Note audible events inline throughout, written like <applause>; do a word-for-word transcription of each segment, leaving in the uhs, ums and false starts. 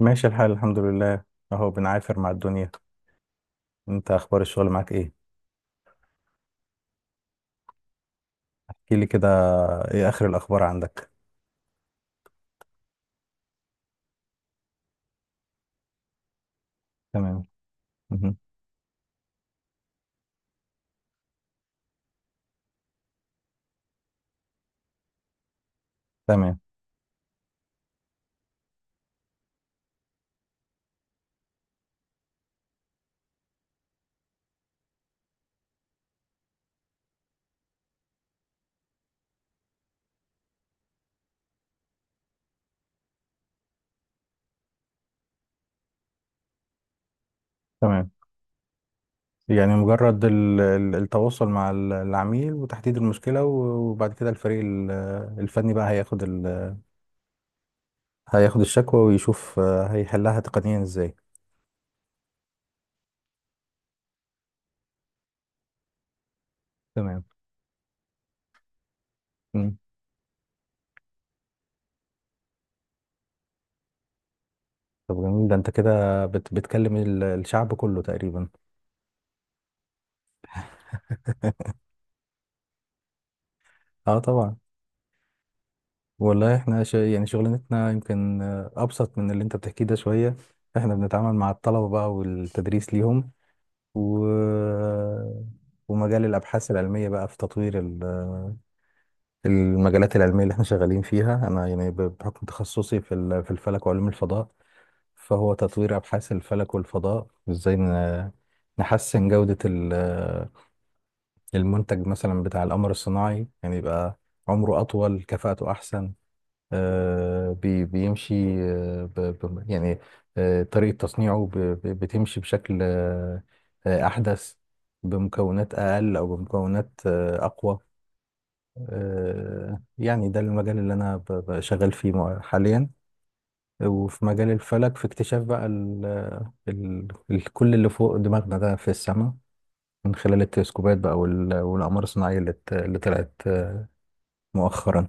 ماشي الحال، الحمد لله. اهو بنعافر مع الدنيا. انت، اخبار الشغل معاك ايه؟ احكي لي كده، ايه اخر الاخبار عندك؟ تمام. مهم. تمام. تمام. يعني مجرد ال- ال- التواصل مع ال- العميل وتحديد المشكلة و- وبعد كده الفريق ال- الفني بقى هياخد ال- هياخد الشكوى ويشوف، آه، هيحلها تقنيا ازاي. تمام. مم. طب، جميل. ده انت كده بت بتكلم ال- الشعب كله تقريبا. اه، طبعا. والله احنا شا... يعني شغلانتنا يمكن آه، ابسط من اللي انت بتحكيه ده شويه. احنا بنتعامل مع الطلبه بقى والتدريس ليهم. و... ومجال الابحاث العلميه بقى في تطوير ال- المجالات العلميه اللي احنا شغالين فيها. انا يعني ب- بحكم تخصصي في ال- في الفلك وعلوم الفضاء. فهو تطوير ابحاث الفلك والفضاء ازاي ن- نحسن جوده ال- المنتج مثلا بتاع القمر الصناعي، يعني يبقى عمره اطول، كفاءته احسن. آه، بي- بيمشي. آه، ب- ب- يعني آه، طريقة تصنيعه ب- ب- بتمشي بشكل آه، آه، أحدث، بمكونات أقل أو بمكونات آه، أقوى. آه، يعني ده المجال اللي أنا ب- ب- شغال فيه مع- حاليا. وفي مجال الفلك، في اكتشاف بقى ال ال ال كل اللي فوق دماغنا ده في السماء، من خلال التلسكوبات بقى وال- والأقمار الصناعية اللي ت- اللي طلعت آه، مؤخرا.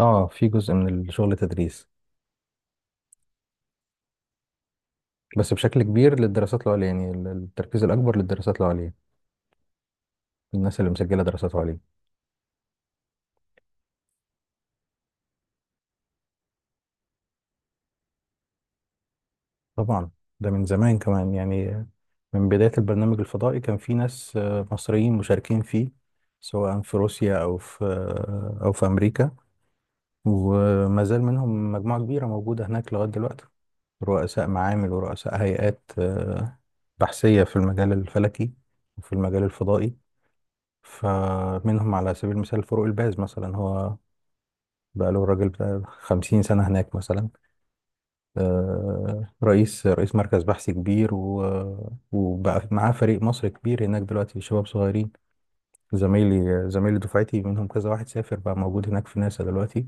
اه، في جزء من الشغل تدريس، بس بشكل كبير للدراسات العليا، يعني ال- التركيز الأكبر للدراسات العليا. الناس اللي مسجلة دراسات عليا. طبعا، ده من زمان كمان يعني. من بداية البرنامج الفضائي كان في ناس آه، مصريين مشاركين فيه، سواء في روسيا أو في آه، أو في أمريكا. وما زال منهم مجموعة كبيرة موجودة هناك لغاية دلوقتي، رؤساء معامل ورؤساء هيئات آه، بحثية في المجال الفلكي وفي المجال الفضائي. فمنهم على سبيل المثال فاروق الباز مثلا، هو بقى له الراجل بتاع 50 سنة هناك مثلا. آه، رئيس رئيس مركز بحث كبير، و- وبقى معاه فريق مصر كبير هناك دلوقتي، شباب صغيرين. زمايلي زمايلي دفعتي منهم كذا واحد سافر، بقى موجود هناك في ناسا دلوقتي.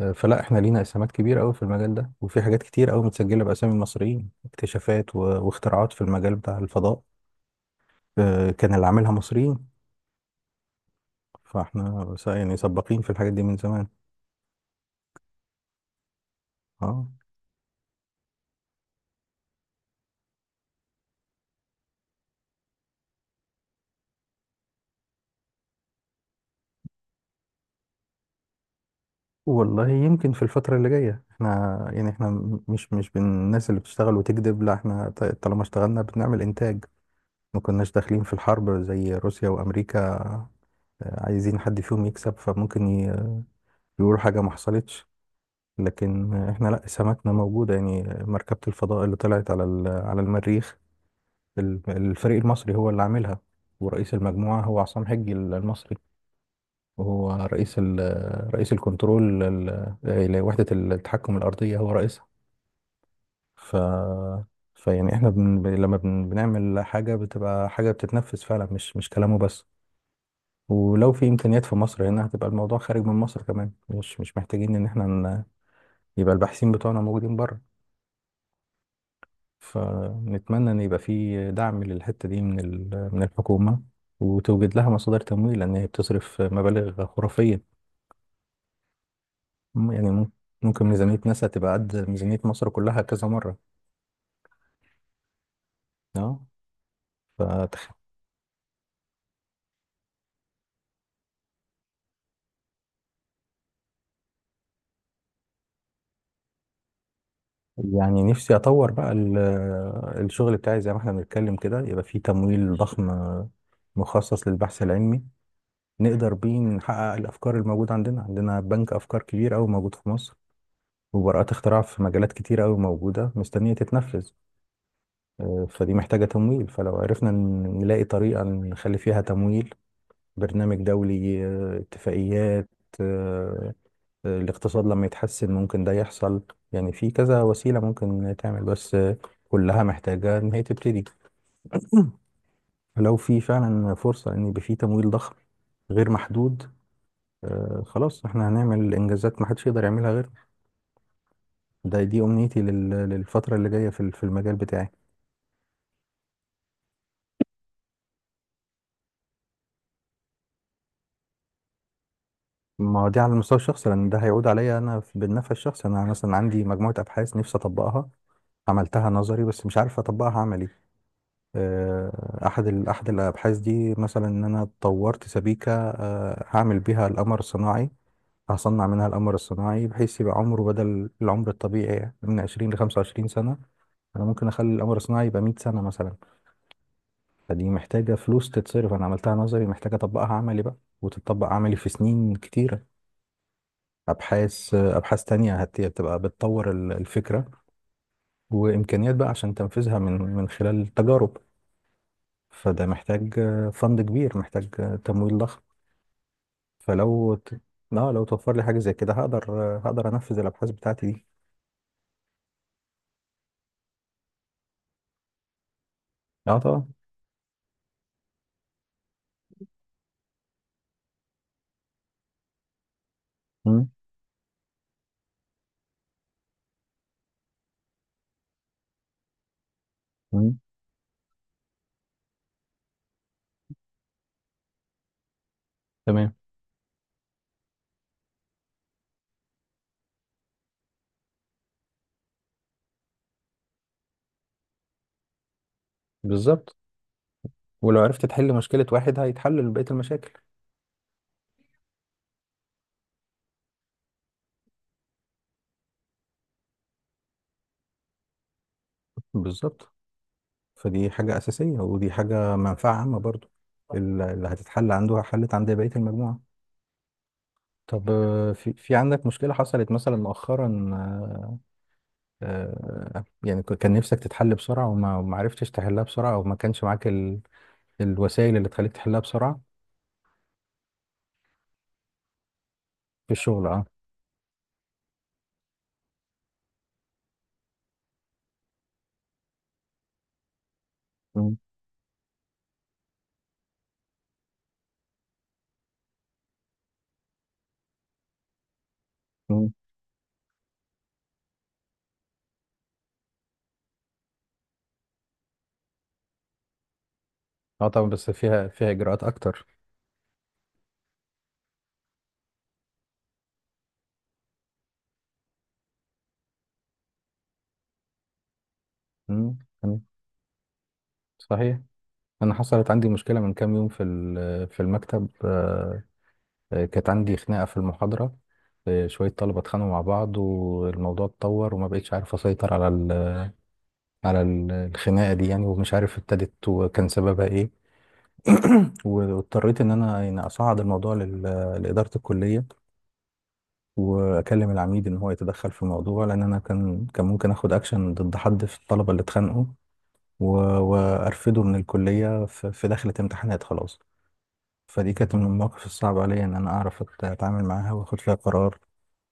آه، فلا احنا لينا اسهامات كبيرة قوي في المجال ده، وفي حاجات كتير قوي متسجلة بأسامي مصريين، اكتشافات و- واختراعات في المجال بتاع الفضاء. آه، كان اللي عاملها مصريين. فاحنا س- يعني سباقين في الحاجات دي من زمان. اه. والله يمكن في الفترة اللي جاية، احنا يعني احنا م- مش مش من الناس اللي بتشتغل وتكذب. لا، احنا ط- طالما اشتغلنا بنعمل انتاج. ما كناش داخلين في الحرب زي روسيا وامريكا. آه، عايزين حد فيهم يكسب، فممكن ي- يقول حاجة ما حصلتش، لكن احنا لا، سماتنا موجودة. يعني مركبة الفضاء اللي طلعت على ال- على المريخ، ال- الفريق المصري هو اللي عاملها، ورئيس المجموعة هو عصام حجي المصري، وهو رئيس ال- رئيس الكنترول ال- لوحدة التحكم الأرضية، هو رئيس. ف فيعني احنا بن... ب- لما بن... بنعمل حاجة بتبقى حاجة بتتنفذ فعلا، مش مش كلامه بس. ولو في إمكانيات في مصر هنا، هتبقى الموضوع خارج من مصر كمان، مش مش محتاجين إن احنا ن... يبقى الباحثين بتوعنا موجودين بره. فنتمنى إن يبقى في دعم للحتة دي من ال... من الحكومة، وتوجد لها مصادر تمويل، لأن هي بتصرف مبالغ خرافية. م- يعني مم- ممكن ميزانية ناسا تبقى قد ميزانية مصر كلها كذا مرة. اه، فتخيل. يعني نفسي اطور بقى ال- الشغل بتاعي. زي ما احنا بنتكلم كده، يبقى فيه تمويل ضخم مخصص للبحث العلمي، نقدر بيه نحقق الافكار الموجوده عندنا. عندنا بنك افكار كبير قوي موجود في مصر، وبراءات اختراع في مجالات كتير قوي موجوده مستنيه تتنفذ. آه، فدي محتاجه تمويل، فلو عرفنا ن- نلاقي طريقه نخلي فيها تمويل، برنامج دولي، آه، اتفاقيات. آه، آه، الاقتصاد لما يتحسن ممكن ده يحصل. يعني في كذا وسيلة ممكن تعمل، بس آه، كلها محتاجة إن هي تبتدي. لو في فعلا فرصة إن يبقى في تمويل ضخم غير محدود، آه، خلاص احنا هنعمل إنجازات محدش يقدر يعملها غير. ده دي أمنيتي لل- للفترة اللي جاية في ال- في المجال بتاعي. ما هو دي على المستوى الشخصي، لأن ده هيعود عليا أنا في- بالنفع الشخصي. أنا مثلا عندي مجموعة أبحاث نفسي أطبقها، عملتها نظري بس مش عارف أطبقها عملي. آه، احد ال- احد الابحاث دي مثلا، ان انا طورت سبيكه آه، هعمل بيها القمر الصناعي، هصنع منها القمر الصناعي بحيث يبقى عمره، بدل العمر الطبيعي من عشرين ل خمسة وعشرين سنة سنه، انا ممكن اخلي القمر الصناعي يبقى مية سنة سنه مثلا. فدي محتاجه فلوس تتصرف. انا عملتها نظري، محتاجه اطبقها عملي بقى، وتطبق عملي في سنين كتيره. ابحاث، آه، ابحاث تانية هت- هتبقى بتطور ال- الفكره، وامكانيات بقى عشان تنفذها من من خلال التجارب. فده محتاج آه، فند كبير، محتاج آه، تمويل ضخم. فلو ت... اه، لو توفر لي حاجة زي كده هقدر، آه، هقدر انفذ الابحاث بتاعتي دي. اه، طبعا. مم. مم. تمام. بالظبط. ولو عرفت تحل مشكلة واحد هيتحل بقية المشاكل. بالظبط. فدي حاجة أساسية، ودي حاجة منفعة عامة برضو. ال- اللي هتتحل عنده حلت عند بقية المجموعة. طب، آه، في في عندك مشكلة حصلت مثلا مؤخرا، آه، آه، يعني ك- كان نفسك تتحل بسرعة وما وما عرفتش تحلها بسرعة، أو ما كانش معاك الوسائل اللي تخليك تحلها بسرعة؟ في الشغل، اه. مم. مم. اه، طبعا بس فيها فيها اجراءات اكتر. مم. مم. صحيح. انا حصلت عندي مشكلة من كام يوم في ال- في المكتب. آه، آه، كانت عندي خناقة في المحاضرة. آه، شوية طلبة اتخانقوا مع بعض، والموضوع اتطور، وما بقتش عارف اسيطر على ال- على ال- الخناقة دي، يعني ومش عارف ابتدت وكان سببها ايه. <coughs> <clears throat> واضطريت ان انا يعني اصعد الموضوع لل- لإدارة الكلية، واكلم العميد ان هو يتدخل في الموضوع، لان انا كان كان ممكن اخد اكشن ضد حد في الطلبه اللي اتخانقوا، و- وارفده من الكليه في في دخلة امتحانات خلاص. فدي كانت من المواقف الصعبه عليا، ان انا اعرف أت- اتعامل معاها واخد فيها قرار.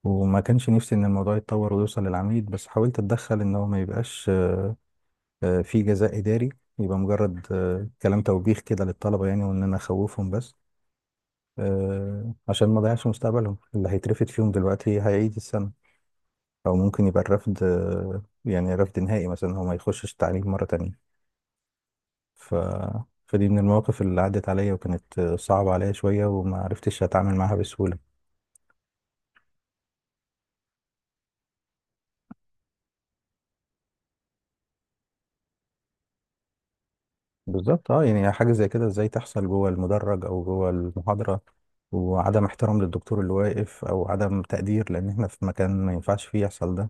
وما كانش نفسي ان الموضوع يتطور ويوصل للعميد، بس حاولت اتدخل ان هو ما يبقاش آه، في جزاء اداري، يبقى مجرد آه، كلام توبيخ كده للطلبه يعني، وان انا اخوفهم بس. آه، عشان ما اضيعش مستقبلهم. اللي هيترفد فيهم دلوقتي هيعيد السنه، او ممكن يبقى الرفض آه، يعني رفض نهائي مثلا، هو ما يخشش تعليم مرة تانية. ف... فدي من المواقف اللي عدت عليا، وكانت آه، صعبة عليا شوية، وما عرفتش اتعامل معاها بسهولة. بالظبط. اه، يعني حاجة زي كده ازاي تحصل جوه المدرج او جوه المحاضرة، وعدم احترام للدكتور اللي واقف، او عدم تقدير، لان احنا في مكان ما ينفعش فيه يحصل ده.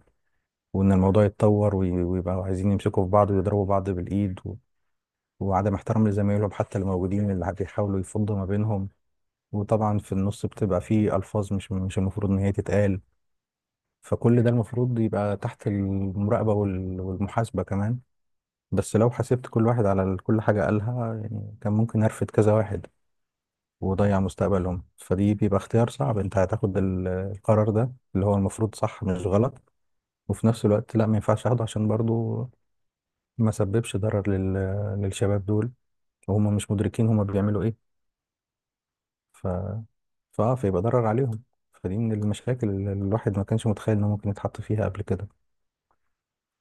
وان الموضوع يتطور وي- ويبقوا عايزين يمسكوا في بعض ويضربوا بعض بالايد، و... وعدم احترام لزمايلهم حتى اللي موجودين، اللي بيحاولوا يفضوا ما بينهم. وطبعا في النص بتبقى فيه ألفاظ مش مش المفروض إن هي تتقال، فكل ده المفروض يبقى تحت المراقبة وال- والمحاسبة كمان. بس لو حاسبت كل واحد على ال- كل حاجة قالها يعني، كان ممكن أرفد كذا واحد وضيع مستقبلهم. فدي بيبقى اختيار صعب. انت هتاخد ال- القرار ده اللي هو المفروض صح مش غلط، وفي نفس الوقت لا، ما ينفعش اخده، عشان برضو ما سببش ضرر لل... للشباب دول، وهم مش مدركين هم بيعملوا ايه. ف فاه فيبقى ضرر عليهم. فدي من المشاكل اللي الواحد ما كانش متخيل انه ممكن يتحط فيها قبل كده.